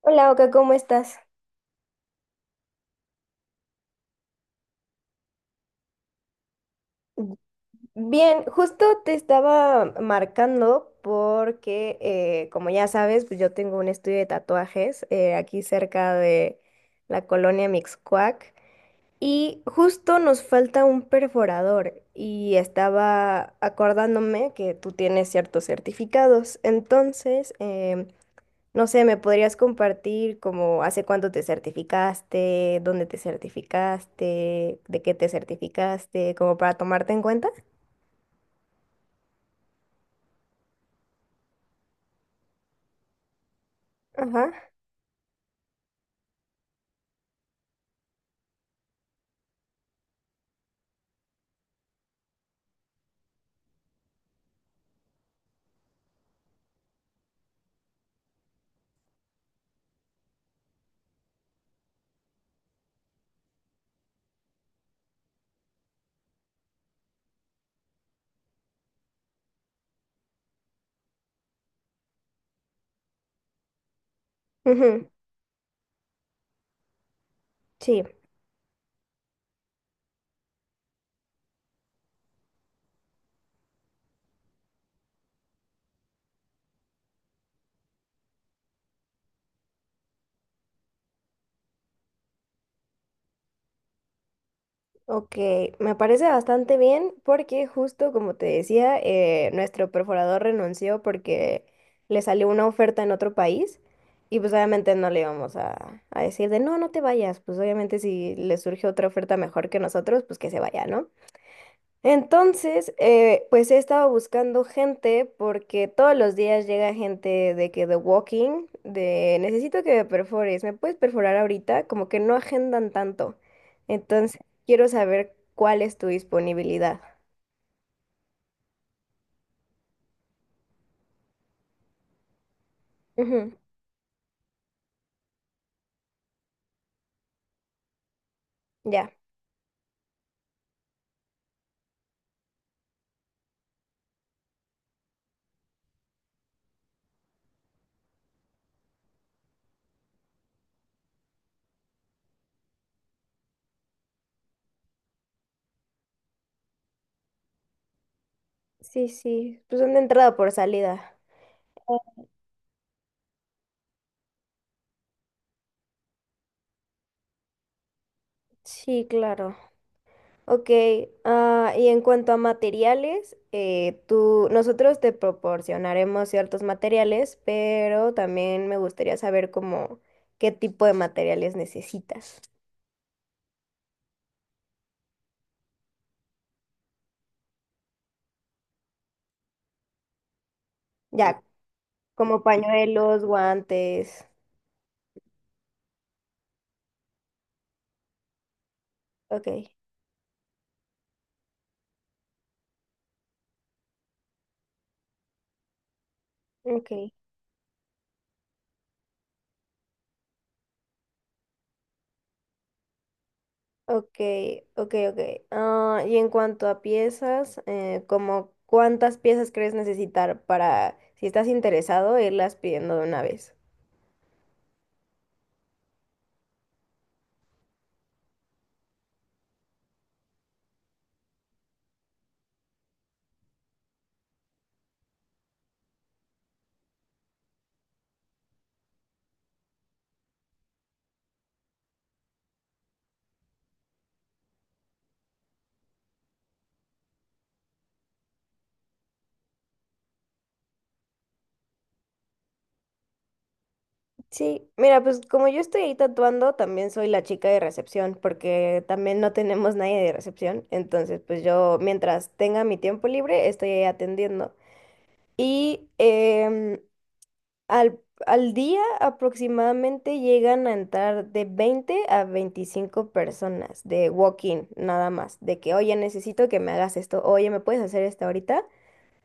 Hola, Oka, ¿cómo estás? Bien, justo te estaba marcando porque, como ya sabes, pues yo tengo un estudio de tatuajes aquí cerca de la colonia Mixcoac y justo nos falta un perforador y estaba acordándome que tú tienes ciertos certificados, entonces no sé, ¿me podrías compartir como hace cuánto te certificaste, dónde te certificaste, de qué te certificaste, como para tomarte en cuenta? Ajá. Ujú. Sí, ok, me parece bastante bien porque justo como te decía, nuestro perforador renunció porque le salió una oferta en otro país y pues obviamente no le íbamos a decir de no, no te vayas. Pues obviamente si le surge otra oferta mejor que nosotros, pues que se vaya, ¿no? Entonces, pues he estado buscando gente porque todos los días llega gente de que The Walking, de necesito que me perfores, ¿me puedes perforar ahorita? Como que no agendan tanto. Entonces, quiero saber cuál es tu disponibilidad. Ujú. Ya. Sí, sí. Pues una entrada por salida. Sí, claro. Ok, ah, y en cuanto a materiales, nosotros te proporcionaremos ciertos materiales, pero también me gustaría saber cómo qué tipo de materiales necesitas. Ya, como pañuelos, guantes. Ok, ok, ok, ok, ok. Ah, y en cuanto a piezas, como cuántas piezas crees necesitar para, si estás interesado, irlas pidiendo de una vez. Sí, mira, pues como yo estoy ahí tatuando, también soy la chica de recepción, porque también no tenemos nadie de recepción. Entonces, pues yo, mientras tenga mi tiempo libre, estoy ahí atendiendo. Y al, al día aproximadamente llegan a entrar de 20 a 25 personas de walk-in, nada más. De que, oye, necesito que me hagas esto, oye, ¿me puedes hacer esto ahorita?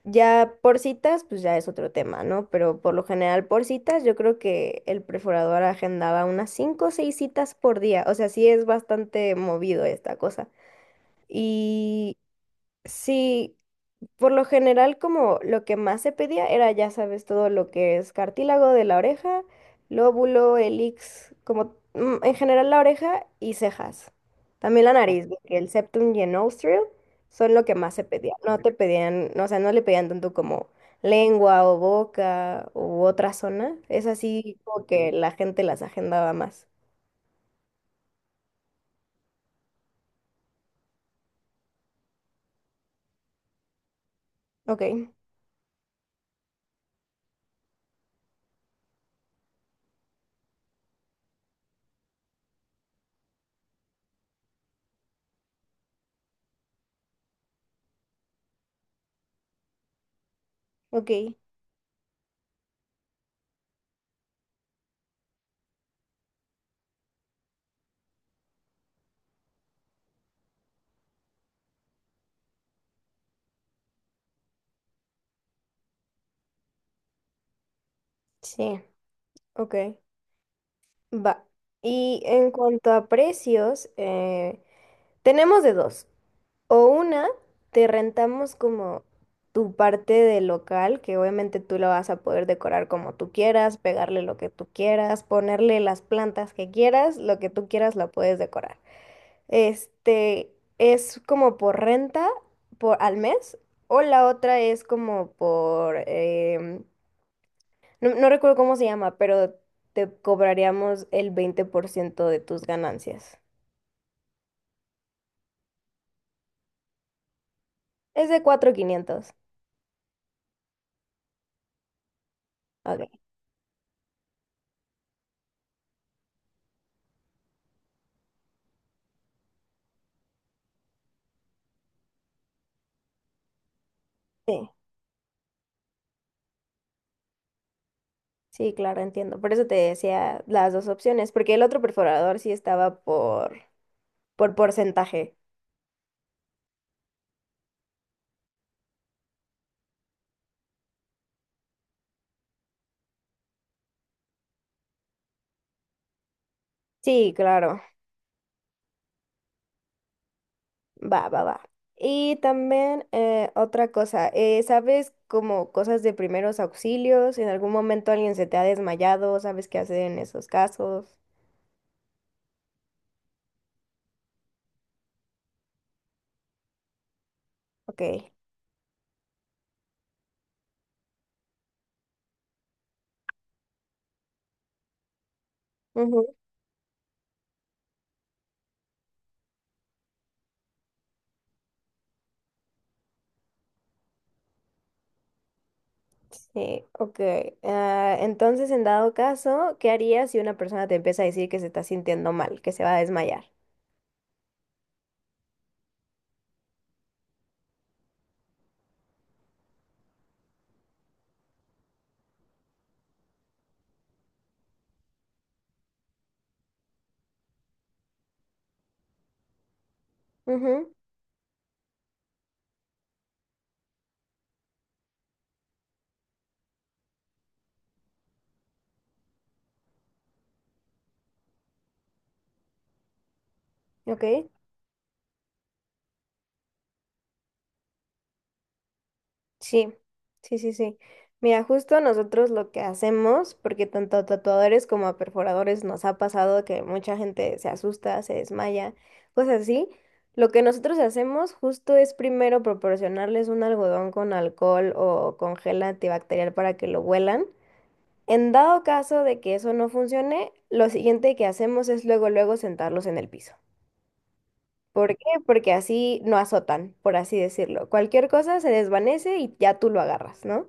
Ya por citas, pues ya es otro tema, ¿no? Pero por lo general por citas, yo creo que el perforador agendaba unas cinco o seis citas por día. O sea, sí es bastante movido esta cosa. Y sí, por lo general, como lo que más se pedía era, ya sabes, todo lo que es cartílago de la oreja, lóbulo, elix, como en general la oreja y cejas. También la nariz, porque el septum y el nostril son lo que más se pedía. No te pedían, no, o sea, no le pedían tanto como lengua o boca u otra zona. Es así como que la gente las agendaba más. Ok, ok, sí, ok. Va. Y en cuanto a precios, tenemos de dos. O una, te rentamos como tu parte del local, que obviamente tú lo vas a poder decorar como tú quieras, pegarle lo que tú quieras, ponerle las plantas que quieras, lo que tú quieras lo puedes decorar. Este es como por renta por al mes, o la otra es como por no, no recuerdo cómo se llama, pero te cobraríamos el 20% de tus ganancias. Es de 4.500. Ok. Sí. Sí, claro, entiendo. Por eso te decía las dos opciones, porque el otro perforador sí estaba por porcentaje. Sí, claro. Va, va, va. Y también otra cosa, ¿sabes como cosas de primeros auxilios? ¿En algún momento alguien se te ha desmayado? ¿Sabes qué hacer en esos casos? Ok. Ujú. Sí, ok. Ah, entonces, en dado caso, ¿qué harías si una persona te empieza a decir que se está sintiendo mal, que se va a desmayar? Ujú. Ok. Sí, sí, sí, sí. Mira, justo nosotros lo que hacemos, porque tanto a tatuadores como a perforadores nos ha pasado que mucha gente se asusta, se desmaya, cosas así. Lo que nosotros hacemos justo es primero proporcionarles un algodón con alcohol o con gel antibacterial para que lo huelan. En dado caso de que eso no funcione, lo siguiente que hacemos es luego, luego sentarlos en el piso. ¿Por qué? Porque así no azotan, por así decirlo. Cualquier cosa se desvanece y ya tú lo agarras, ¿no?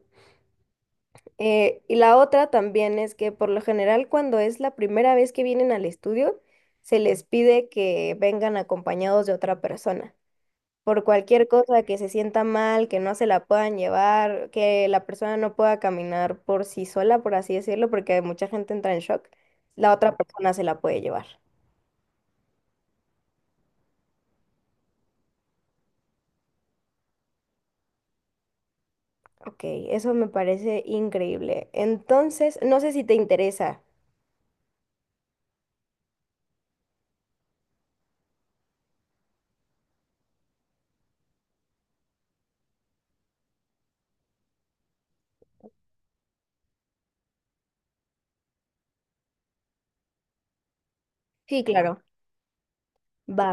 Y la otra también es que por lo general cuando es la primera vez que vienen al estudio, se les pide que vengan acompañados de otra persona. Por cualquier cosa que se sienta mal, que no se la puedan llevar, que la persona no pueda caminar por sí sola, por así decirlo, porque mucha gente entra en shock, la otra persona se la puede llevar. Ok, eso me parece increíble. Entonces, no sé si te interesa. Sí, claro. Va,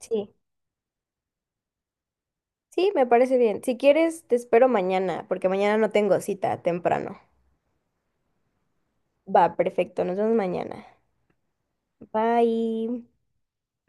sí. Sí, me parece bien. Si quieres, te espero mañana, porque mañana no tengo cita temprano. Va, perfecto, nos vemos mañana. Bye.